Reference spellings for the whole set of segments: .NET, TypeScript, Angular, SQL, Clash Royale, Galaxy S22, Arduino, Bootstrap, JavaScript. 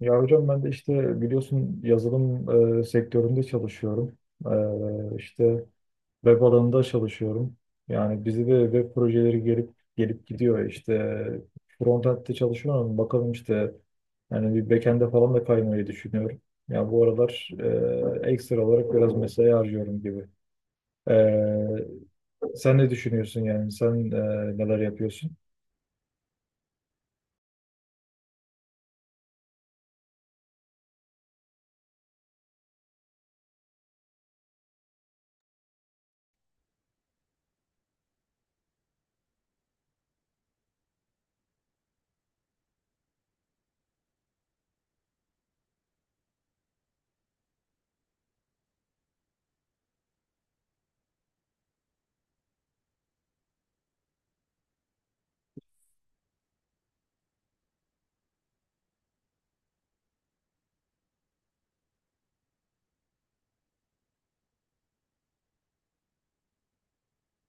Ya hocam ben de işte biliyorsun yazılım sektöründe çalışıyorum. İşte web alanında çalışıyorum. Yani bizi de web projeleri gelip gelip gidiyor. İşte frontend'de çalışıyorum. Bakalım işte yani bir backend'e falan da kaymayı düşünüyorum. Ya bu aralar ekstra olarak biraz mesai harcıyorum gibi. E, Sen ne düşünüyorsun yani? Sen neler yapıyorsun?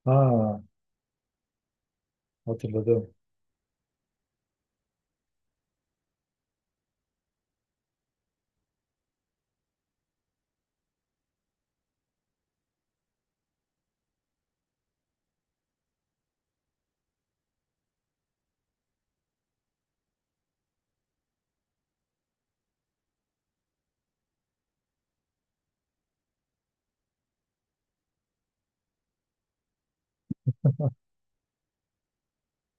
Ha, hatırladım.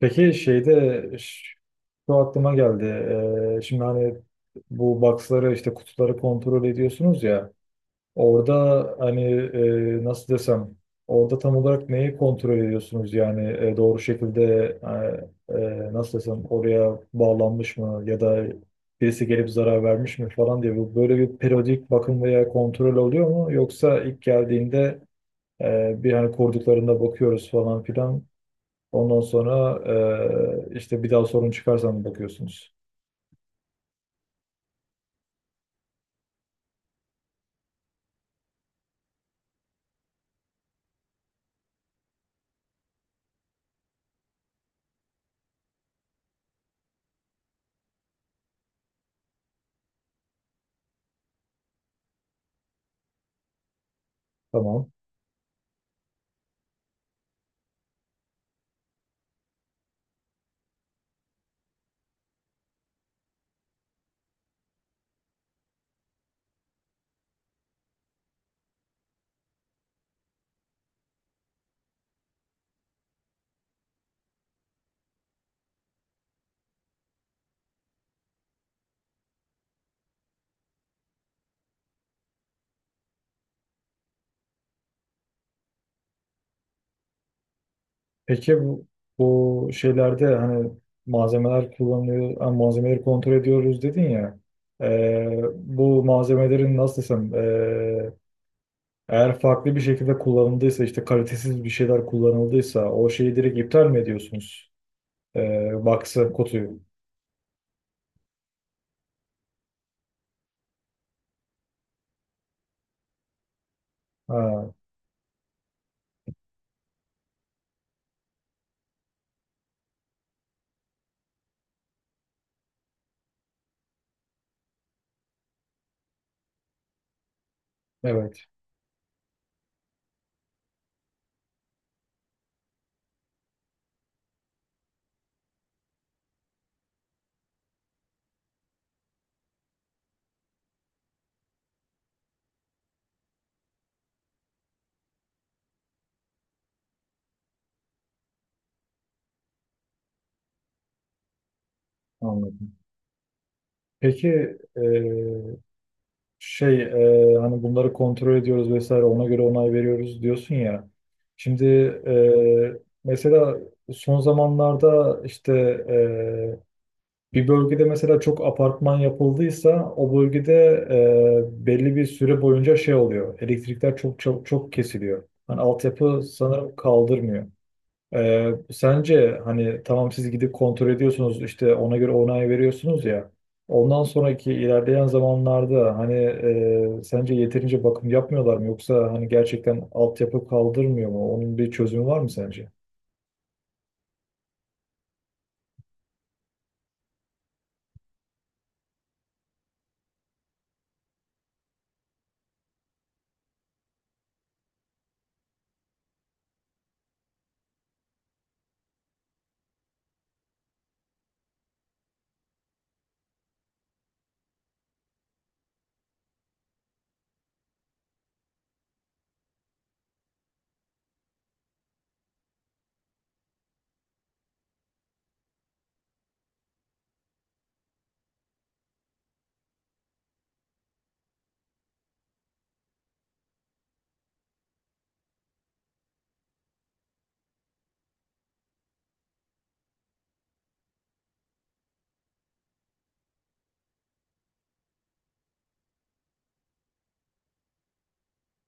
Peki şu aklıma geldi. Şimdi hani bu box'ları işte kutuları kontrol ediyorsunuz ya. Orada hani nasıl desem orada tam olarak neyi kontrol ediyorsunuz yani doğru şekilde nasıl desem oraya bağlanmış mı ya da birisi gelip zarar vermiş mi falan diye bu böyle bir periyodik bakım veya kontrol oluyor mu yoksa ilk geldiğinde bir hani kurduklarında bakıyoruz falan filan. Ondan sonra işte bir daha sorun çıkarsa mı bakıyorsunuz? Tamam. Peki bu şeylerde hani malzemeler kullanılıyor, ha, malzemeleri kontrol ediyoruz dedin ya. Bu malzemelerin nasıl desem eğer farklı bir şekilde kullanıldıysa işte kalitesiz bir şeyler kullanıldıysa o şeyi direkt iptal mi ediyorsunuz? Box'ı, kutuyu. Ha, evet anladım. Peki şey hani bunları kontrol ediyoruz vesaire ona göre onay veriyoruz diyorsun ya. Şimdi mesela son zamanlarda işte e, bir bölgede mesela çok apartman yapıldıysa o bölgede belli bir süre boyunca şey oluyor. Elektrikler çok çok çok kesiliyor. Hani altyapı sanırım kaldırmıyor. Sence hani tamam siz gidip kontrol ediyorsunuz işte ona göre onay veriyorsunuz ya ondan sonraki ilerleyen zamanlarda hani sence yeterince bakım yapmıyorlar mı yoksa hani gerçekten altyapı kaldırmıyor mu? Onun bir çözümü var mı sence?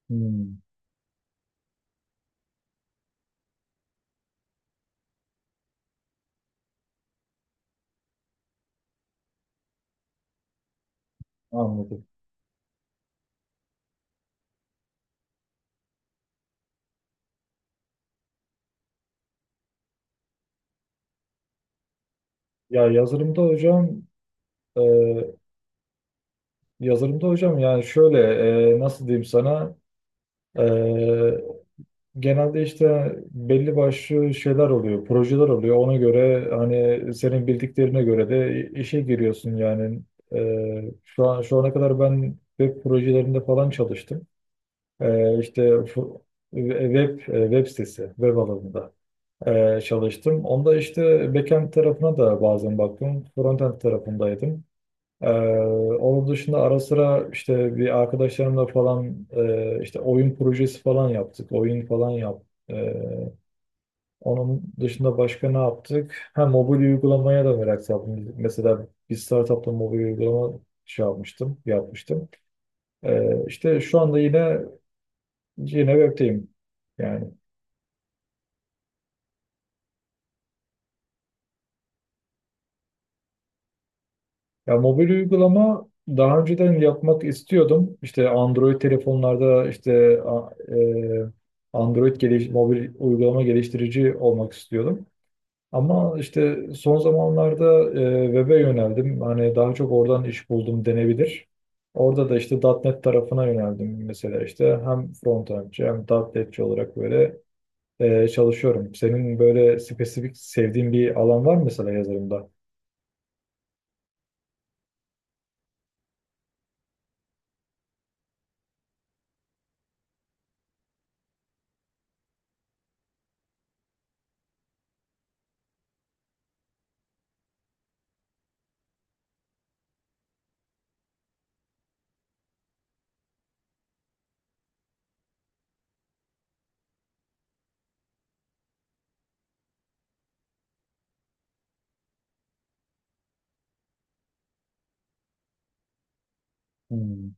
Hmm, anladım. Ya yazılımda hocam e, Yazılımda hocam yani şöyle nasıl diyeyim sana. E, Genelde işte belli başlı şeyler oluyor, projeler oluyor. Ona göre hani senin bildiklerine göre de işe giriyorsun yani. Şu an şu ana kadar ben web projelerinde falan çalıştım. İşte web web sitesi, web alanında çalıştım. Onda işte backend tarafına da bazen baktım. Frontend tarafındaydım. Ee, Onun dışında ara sıra işte bir arkadaşlarımla falan işte oyun projesi falan yaptık. Oyun falan yaptık. Onun dışında başka ne yaptık? Ha, mobil uygulamaya da merak saldım. Mesela bir startupta mobil uygulama şey yapmıştım. İşte şu anda yine web'teyim. Yani ya mobil uygulama daha önceden yapmak istiyordum. İşte Android telefonlarda işte e, mobil uygulama geliştirici olmak istiyordum. Ama işte son zamanlarda web'e yöneldim. Hani daha çok oradan iş buldum denebilir. Orada da işte .nokta .NET tarafına yöneldim mesela işte hem frontendçi hem .nokta .NET'çi olarak böyle çalışıyorum. Senin böyle spesifik sevdiğin bir alan var mı mesela yazılımda? Hmm.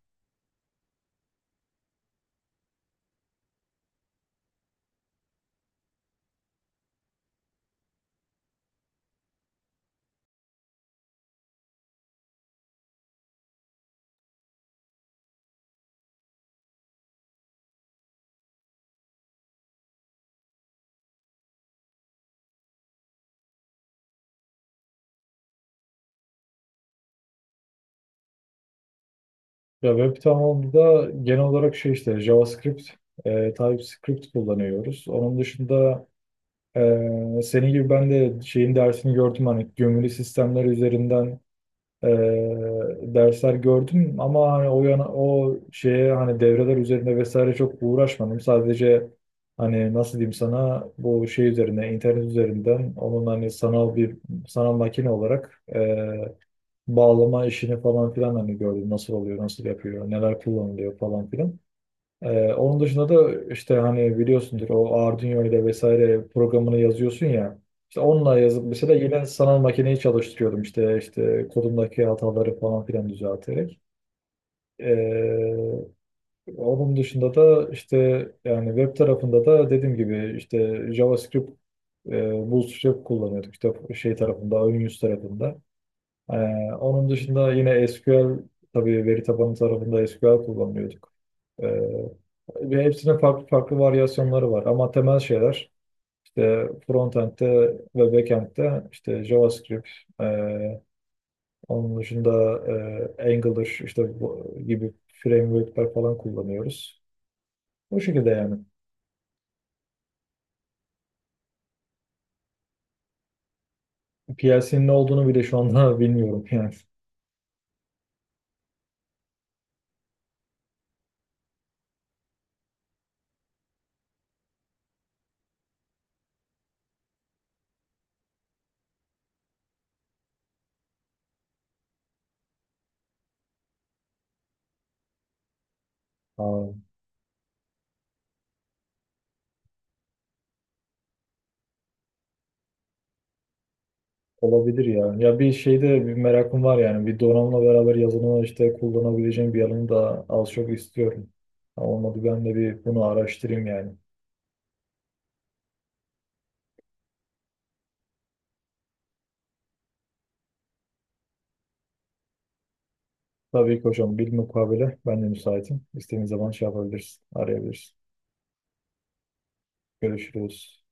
Ya web tamamında genel olarak şey işte JavaScript, TypeScript kullanıyoruz. Onun dışında senin gibi ben de şeyin dersini gördüm hani gömülü sistemler üzerinden e, dersler gördüm ama hani o yana o şeye hani devreler üzerinde vesaire çok uğraşmadım. Sadece hani nasıl diyeyim sana bu şey üzerine internet üzerinden onun hani sanal bir sanal makine olarak bağlama işini falan filan hani gördüm nasıl oluyor nasıl yapıyor neler kullanılıyor falan filan. Onun dışında da işte hani biliyorsundur o Arduino ile vesaire programını yazıyorsun ya. İşte onunla yazıp mesela yine sanal makineyi çalıştırıyordum işte kodumdaki hataları falan filan düzelterek. Ee, Onun dışında da işte yani web tarafında da dediğim gibi işte JavaScript, Bootstrap kullanıyorduk işte şey tarafında, ön yüz tarafında. Ee, Onun dışında yine SQL tabii veri tabanı tarafında SQL kullanıyorduk. Ve hepsinin farklı farklı varyasyonları var. Ama temel şeyler işte frontend'de ve backend'de işte JavaScript, e, onun dışında Angular işte bu gibi framework'ler falan kullanıyoruz. Bu şekilde yani. PLC'nin ne olduğunu bile şu anda bilmiyorum yani. Aa, olabilir ya. Ya bir şeyde bir merakım var yani. Bir donanımla beraber yazılımı işte kullanabileceğim bir alanı da az çok istiyorum. Ha, olmadı ben de bir bunu araştırayım yani. Tabii ki hocam. Bilmukabele ben de müsaitim. İstediğiniz zaman şey yapabiliriz, arayabiliriz. Görüşürüz.